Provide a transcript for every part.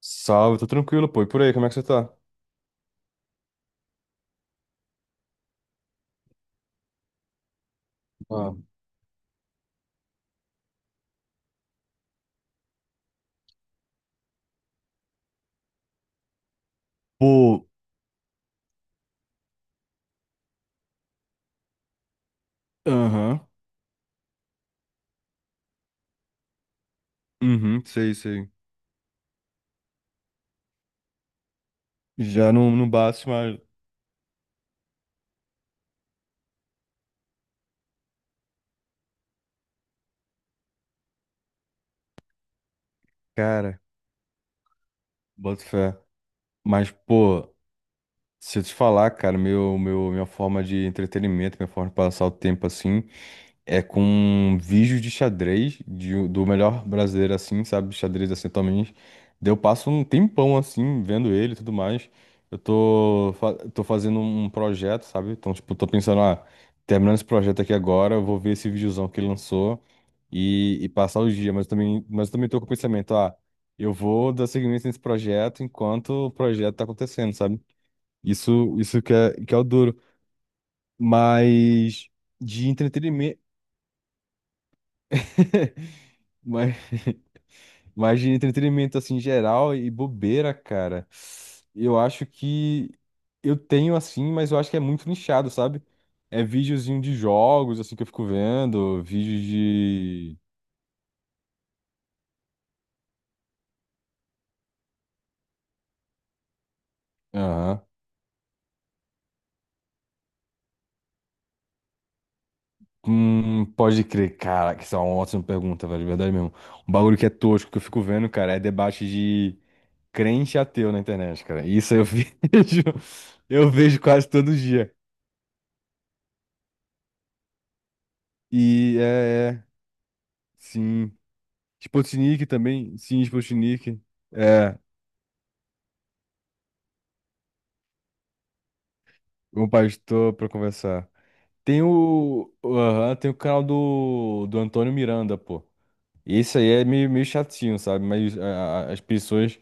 Salve, tô tranquilo, pô. E por aí, como é que você tá? Ah, pô, aham, uhum, sei, sei. Já não, não bate, mas. Cara, boto fé. Mas, pô, se eu te falar, cara, minha forma de entretenimento, minha forma de passar o tempo assim. É com vídeos de xadrez do melhor brasileiro, assim, sabe? Xadrez, assim, atualmente. Daí eu passo um tempão, assim, vendo ele e tudo mais. Eu tô fazendo um projeto, sabe? Então, tipo, tô pensando, ah, terminando esse projeto aqui agora, eu vou ver esse videozão que ele lançou e passar o dia. Mas eu também tô com o pensamento, ah, eu vou dar seguimento nesse projeto enquanto o projeto tá acontecendo, sabe? Isso que é o duro. Mas de entretenimento. Mas, mas de entretenimento assim geral e bobeira, cara. Eu acho que eu tenho assim, mas eu acho que é muito nichado, sabe? É videozinho de jogos assim que eu fico vendo, vídeo de. Aham. Pode crer, cara, que isso é uma ótima pergunta, velho, de verdade mesmo. Um bagulho que é tosco que eu fico vendo, cara, é debate de crente e ateu na internet, cara. Isso eu vejo, eu vejo quase todo dia. É, sim. Sputnik também, sim, Sputnik. É, um pastor pra conversar. Tem o, aham, tem o canal do Antônio Miranda, pô. Esse aí é meio, meio chatinho, sabe? Mas as pessoas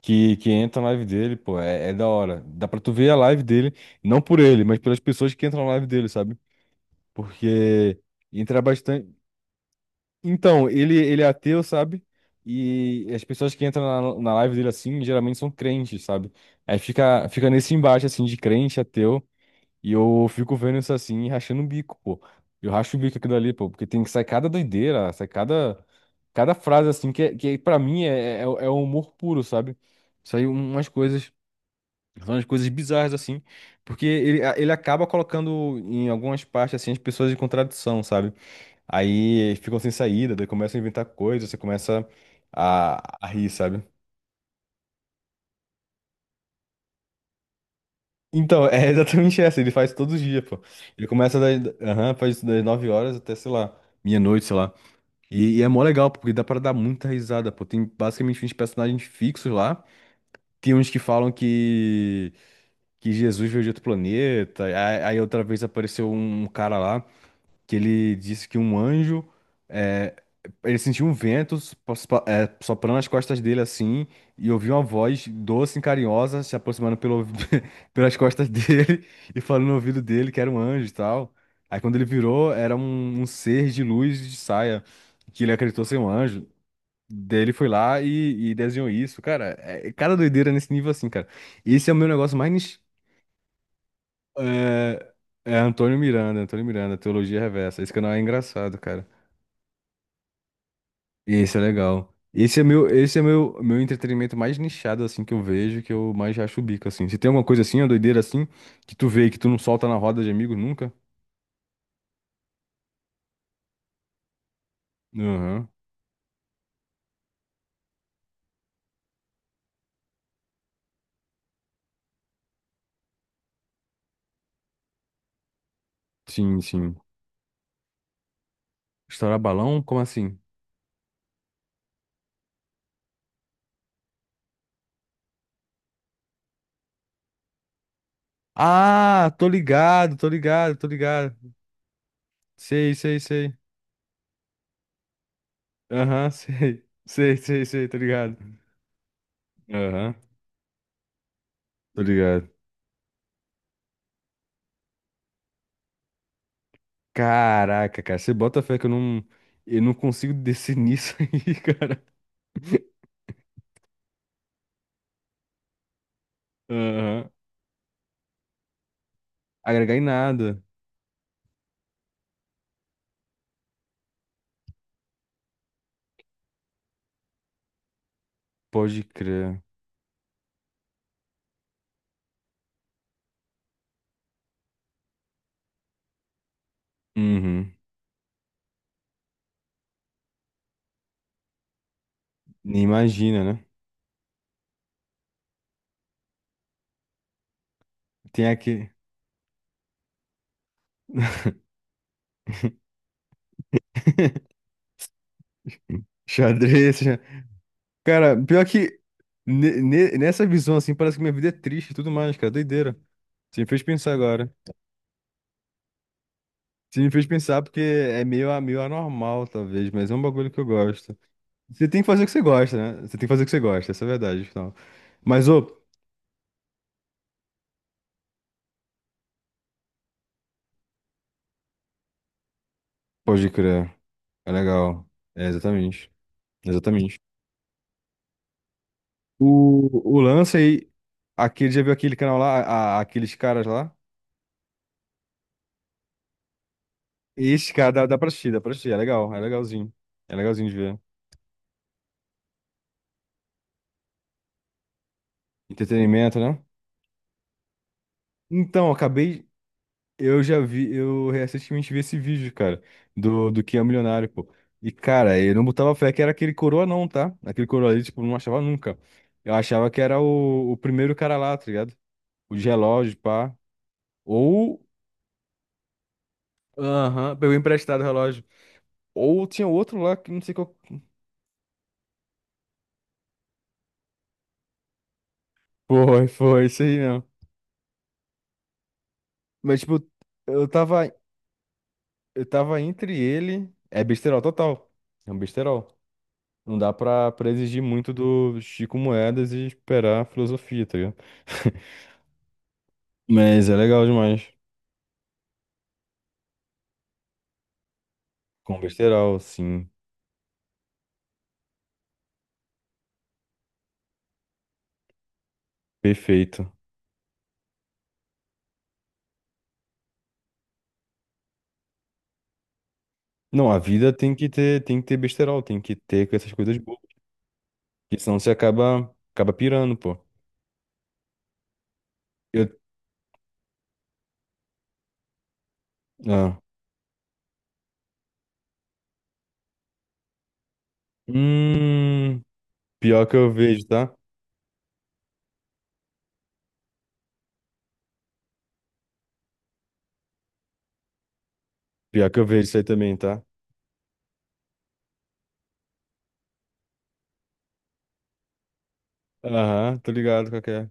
que entram na live dele, pô, é da hora. Dá pra tu ver a live dele, não por ele, mas pelas pessoas que entram na live dele, sabe? Porque entra bastante. Então, ele é ateu, sabe? E as pessoas que entram na live dele assim, geralmente são crentes, sabe? Aí fica nesse embate assim de crente, ateu, e eu fico vendo isso assim e rachando o bico, pô. Eu racho o bico aquilo ali, pô, porque tem que sair cada doideira, sai cada, cada frase assim, que é, pra mim é humor puro, sabe? Sai umas coisas, são umas coisas bizarras assim, porque ele acaba colocando em algumas partes assim as pessoas em contradição, sabe? Aí ficam sem saída, daí começam a inventar coisas, você começa a rir, sabe? Então, é exatamente essa, ele faz todos os dias, pô. Ele começa das, aham, faz das 9h até, sei lá, meia-noite, sei lá. E é mó legal, porque dá pra dar muita risada, pô. Tem basicamente 20 personagens fixos lá. Tem uns que falam que Jesus veio de outro planeta. Aí outra vez apareceu um cara lá, que ele disse que um anjo, é, ele sentiu um vento, soprando nas costas dele assim, e ouviu uma voz doce e carinhosa se aproximando pelo, pelas costas dele e falando no ouvido dele que era um anjo e tal. Aí quando ele virou, era um ser de luz de saia, que ele acreditou ser um anjo. Daí ele foi lá e desenhou isso. Cara, é cada doideira nesse nível assim, cara. Esse é o meu negócio mais. Nis- É, é Antônio Miranda, Antônio Miranda, Teologia Reversa. Esse canal é engraçado, cara. Esse é legal. Meu entretenimento mais nichado, assim, que eu vejo, que eu mais acho o bico, assim. Se tem alguma coisa assim, uma doideira assim, que tu vê e que tu não solta na roda de amigos nunca? Aham. Sim, sim. Estourar balão? Como assim? Ah, tô ligado, tô ligado, tô ligado. Sei, sei, sei. Aham, sei. Sei, sei, sei, tô ligado. Aham, tô ligado. Caraca, cara, você bota fé que eu não consigo descer nisso aí, cara. Aham. Agregar em nada. Pode crer. Uhum. Nem imagina, né? Tem aqui. Xadrez. Xa- Cara, pior que nessa visão assim, parece que minha vida é triste e tudo mais, cara. Doideira. Você me fez pensar agora. Você me fez pensar porque é meio, meio anormal, talvez, mas é um bagulho que eu gosto. Você tem que fazer o que você gosta, né? Você tem que fazer o que você gosta, essa é a verdade, afinal. Mas, ô, pode crer. É legal. É, exatamente. Exatamente. O lance aí, aquele, já viu aquele canal lá, aqueles caras lá? Ixi, cara, dá pra assistir, dá pra assistir. É legal, é legalzinho. É legalzinho de ver. Entretenimento, né? Então, eu acabei. Eu já vi, eu recentemente vi esse vídeo, cara, do Quem é Milionário, pô. E, cara, eu não botava fé que era aquele coroa, não, tá? Aquele coroa ali, tipo, não achava nunca. Eu achava que era o primeiro cara lá, tá ligado? O de relógio, pá. Ou. Aham, pegou emprestado o relógio. Ou tinha outro lá que não sei qual. Foi, foi, isso aí mesmo. Mas, tipo, eu tava. Eu tava entre ele. É besterol total. É um besterol. Não dá pra exigir muito do Chico Moedas e esperar a filosofia, tá ligado? Mas é legal demais. Com besterol, sim. Perfeito. Não, a vida tem que ter, besterol, tem que ter com essas coisas boas. Porque senão você acaba pirando, pô. Eu, ah. Hum, Pior que eu vejo, tá? Pior que eu vejo isso aí também, tá? Aham, tô ligado qual que é.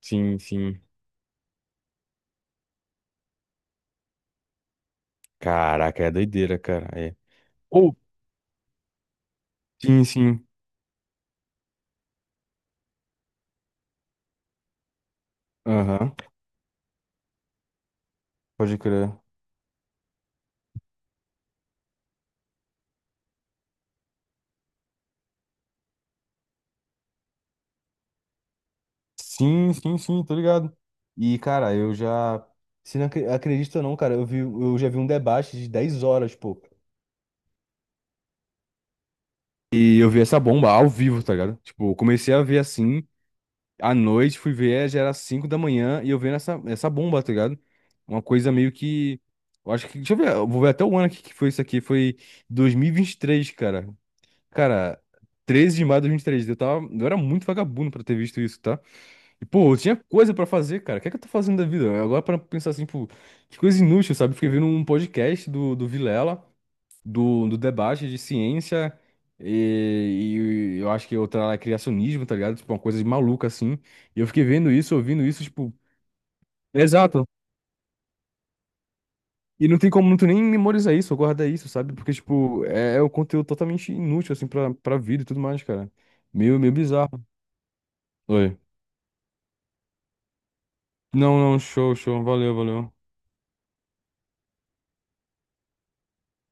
Sim, sim. Caraca, é doideira, cara. É. Sim, sim. Aham, pode crer. Sim, sim, sim, tô ligado. E, cara, eu já. Se não acredita ou não, cara, eu já vi um debate de 10 horas, pô. E eu vi essa bomba ao vivo, tá ligado? Tipo, eu comecei a ver assim, à noite, fui ver, já era 5h da manhã, e eu vendo essa bomba, tá ligado? Uma coisa meio que. Eu acho que. Deixa eu ver, eu vou ver até o ano que foi isso aqui. Foi dois mil e vinte e três, cara. Cara, 13 de maio de dois mil e vinte e três. Eu tava. Eu era muito vagabundo pra ter visto isso, tá? E, pô, eu tinha coisa pra fazer, cara. O que é que eu tô fazendo da vida? Agora para pensar assim, tipo, que coisa inútil, sabe? Fiquei vendo um podcast do Vilela, do debate de ciência e eu acho que outra lá é criacionismo, tá ligado? Tipo, uma coisa de maluca assim. E eu fiquei vendo isso, ouvindo isso, tipo. Exato. E não tem como muito nem memorizar isso, ou guardar isso, sabe? Porque, tipo, é um conteúdo totalmente inútil, assim, pra vida e tudo mais, cara. Meio, meio bizarro. Oi. Não, não, show, show. Valeu, valeu.